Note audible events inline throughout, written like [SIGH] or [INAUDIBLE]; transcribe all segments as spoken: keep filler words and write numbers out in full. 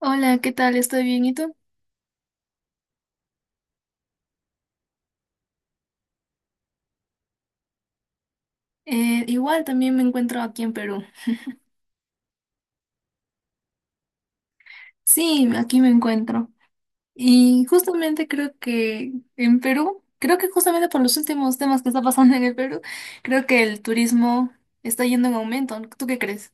Hola, ¿qué tal? ¿Estoy bien? ¿Y tú? Eh, igual también me encuentro aquí en Perú. Sí, aquí me encuentro. Y justamente creo que en Perú, creo que justamente por los últimos temas que está pasando en el Perú, creo que el turismo está yendo en aumento. ¿Tú qué crees?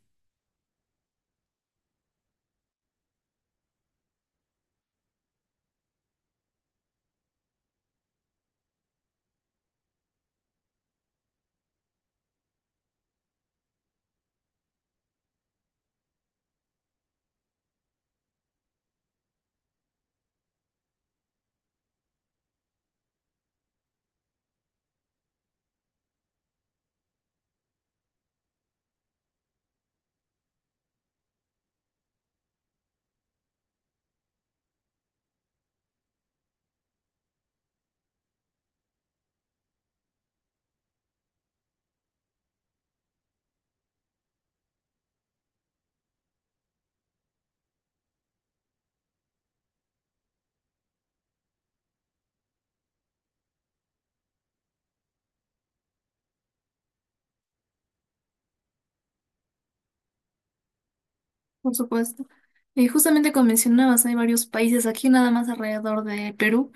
Por supuesto. Y justamente como mencionabas, hay varios países aquí nada más alrededor de Perú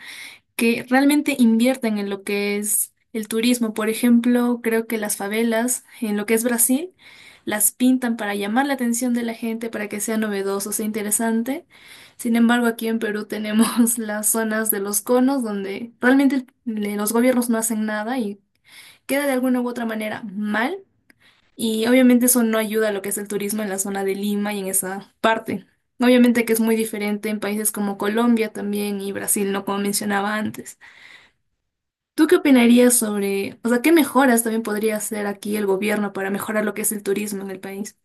que realmente invierten en lo que es el turismo. Por ejemplo, creo que las favelas en lo que es Brasil las pintan para llamar la atención de la gente, para que sea novedoso, sea interesante. Sin embargo, aquí en Perú tenemos [LAUGHS] las zonas de los conos donde realmente el- los gobiernos no hacen nada y queda de alguna u otra manera mal. Y obviamente eso no ayuda a lo que es el turismo en la zona de Lima y en esa parte. Obviamente que es muy diferente en países como Colombia también y Brasil, no como mencionaba antes. ¿Tú qué opinarías sobre, o sea, qué mejoras también podría hacer aquí el gobierno para mejorar lo que es el turismo en el país?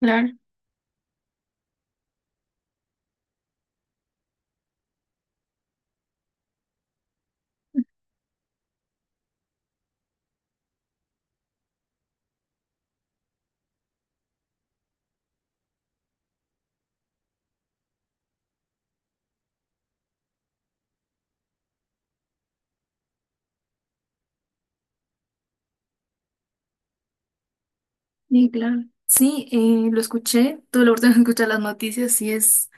Claro, sí, claro. Sí, eh, lo escuché, tuve la oportunidad de escuchar las noticias y es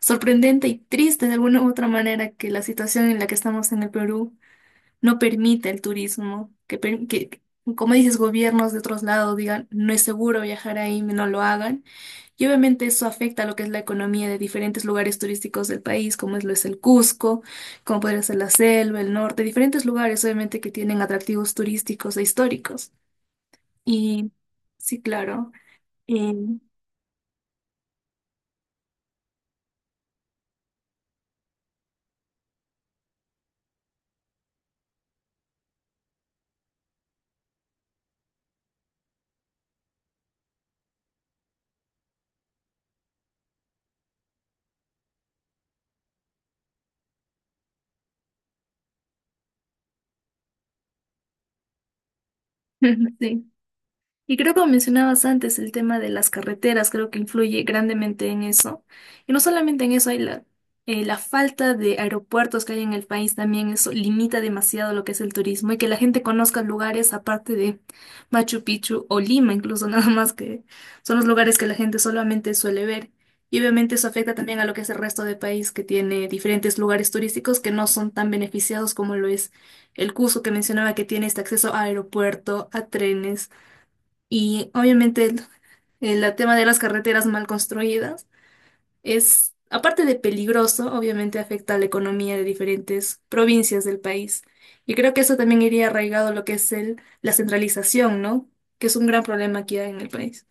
sorprendente y triste de alguna u otra manera que la situación en la que estamos en el Perú no permite el turismo, que, per- que como dices, gobiernos de otros lados digan, no es seguro viajar ahí, no lo hagan. Y obviamente eso afecta a lo que es la economía de diferentes lugares turísticos del país, como es, lo es el Cusco, como podría ser la selva, el norte, diferentes lugares obviamente que tienen atractivos turísticos e históricos. Y sí, claro. Y, [LAUGHS] sí. Y creo que mencionabas antes el tema de las carreteras, creo que influye grandemente en eso. Y no solamente en eso, hay la, eh, la falta de aeropuertos que hay en el país también, eso limita demasiado lo que es el turismo y que la gente conozca lugares aparte de Machu Picchu o Lima, incluso [LAUGHS] nada más que son los lugares que la gente solamente suele ver. Y obviamente eso afecta también a lo que es el resto del país, que tiene diferentes lugares turísticos que no son tan beneficiados como lo es el Cusco, que mencionaba que tiene este acceso a aeropuerto, a trenes y obviamente el, el tema de las carreteras mal construidas es, aparte de peligroso, obviamente afecta a la economía de diferentes provincias del país. Y creo que eso también iría arraigado a lo que es el, la centralización, ¿no? Que es un gran problema aquí en el país.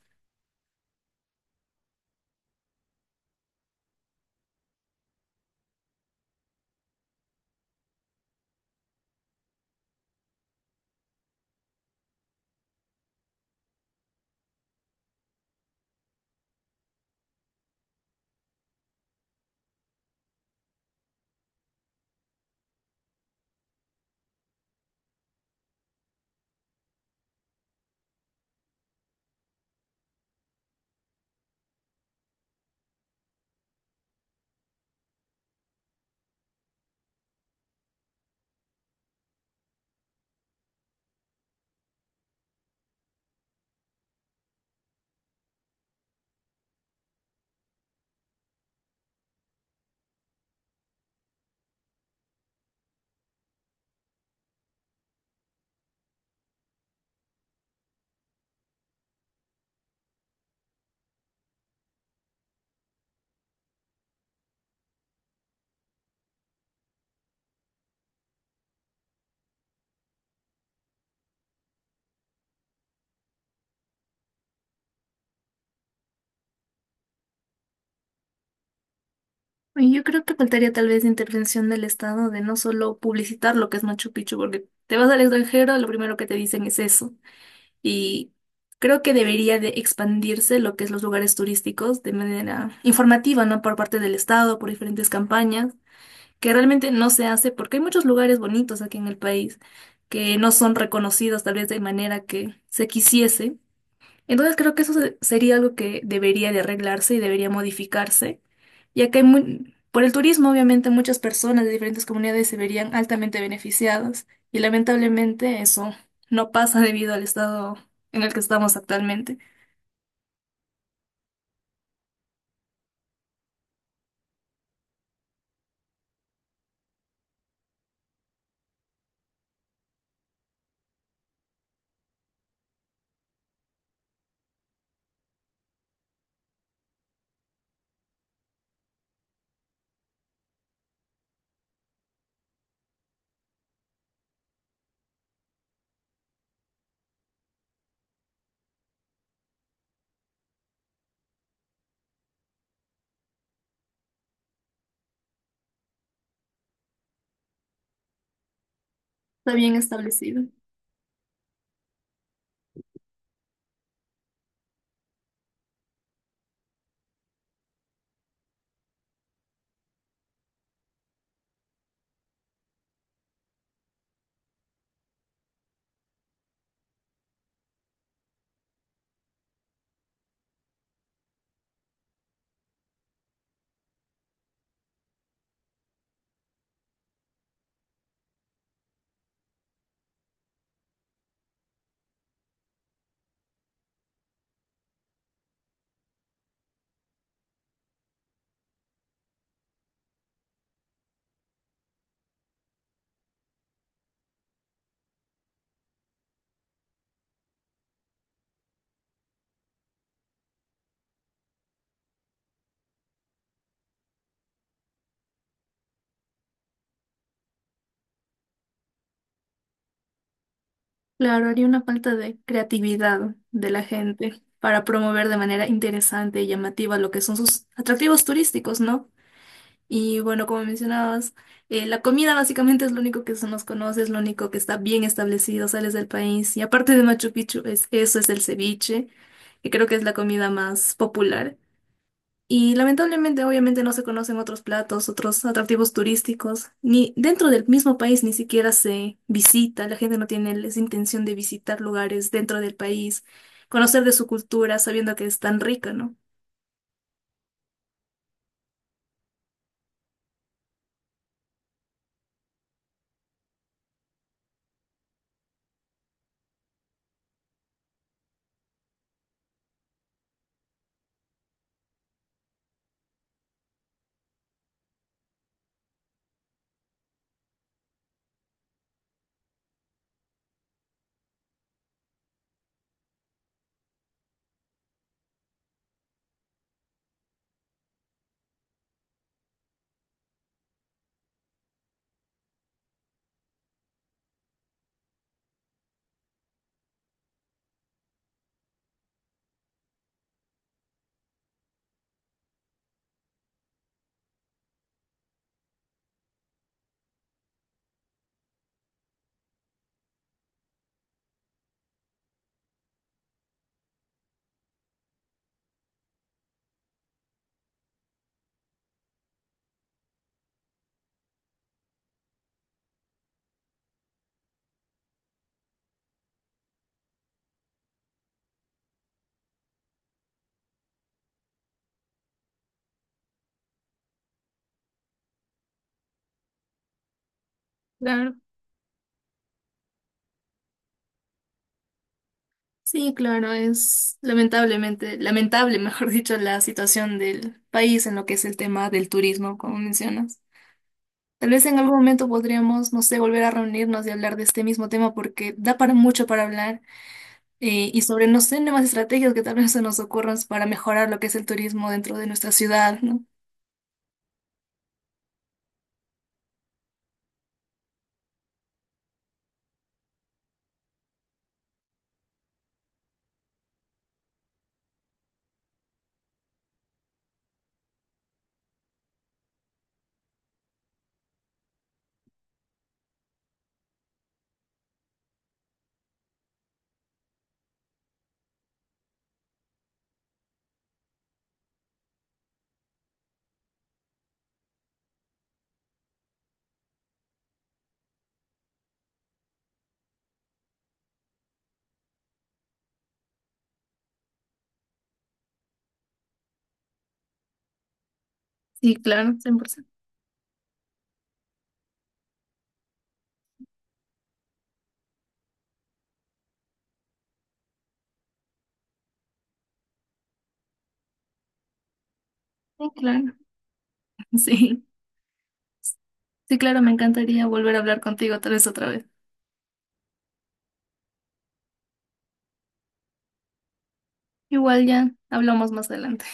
Y yo creo que faltaría tal vez intervención del Estado de no solo publicitar lo que es Machu Picchu, porque te vas al extranjero, lo primero que te dicen es eso. Y creo que debería de expandirse lo que es los lugares turísticos de manera informativa, ¿no? Por parte del Estado, por diferentes campañas, que realmente no se hace porque hay muchos lugares bonitos aquí en el país que no son reconocidos tal vez de manera que se quisiese. Entonces creo que eso se- sería algo que debería de arreglarse y debería modificarse, ya que hay muy- por el turismo obviamente muchas personas de diferentes comunidades se verían altamente beneficiadas y lamentablemente eso no pasa debido al estado en el que estamos actualmente. Está bien establecido. Claro, haría una falta de creatividad de la gente para promover de manera interesante y llamativa lo que son sus atractivos turísticos, ¿no? Y bueno, como mencionabas, eh, la comida básicamente es lo único que se nos conoce, es lo único que está bien establecido, sales del país. Y aparte de Machu Picchu, es, eso es el ceviche, que creo que es la comida más popular. Y lamentablemente, obviamente, no se conocen otros platos, otros atractivos turísticos, ni dentro del mismo país ni siquiera se visita, la gente no tiene esa intención de visitar lugares dentro del país, conocer de su cultura, sabiendo que es tan rica, ¿no? Claro. Sí, claro, es lamentablemente, lamentable, [LAUGHS] mejor dicho, la situación del país en lo que es el tema del turismo, como mencionas. Tal vez en algún momento podríamos, no sé, volver a reunirnos y hablar de este mismo tema porque da para mucho para hablar, eh, y sobre, no sé, nuevas estrategias que tal vez se nos ocurran para mejorar lo que es el turismo dentro de nuestra ciudad, ¿no? Sí, claro, cien por ciento. Sí, claro, [LAUGHS] sí. Sí, claro, me encantaría volver a hablar contigo tal vez otra vez. Igual ya hablamos más adelante.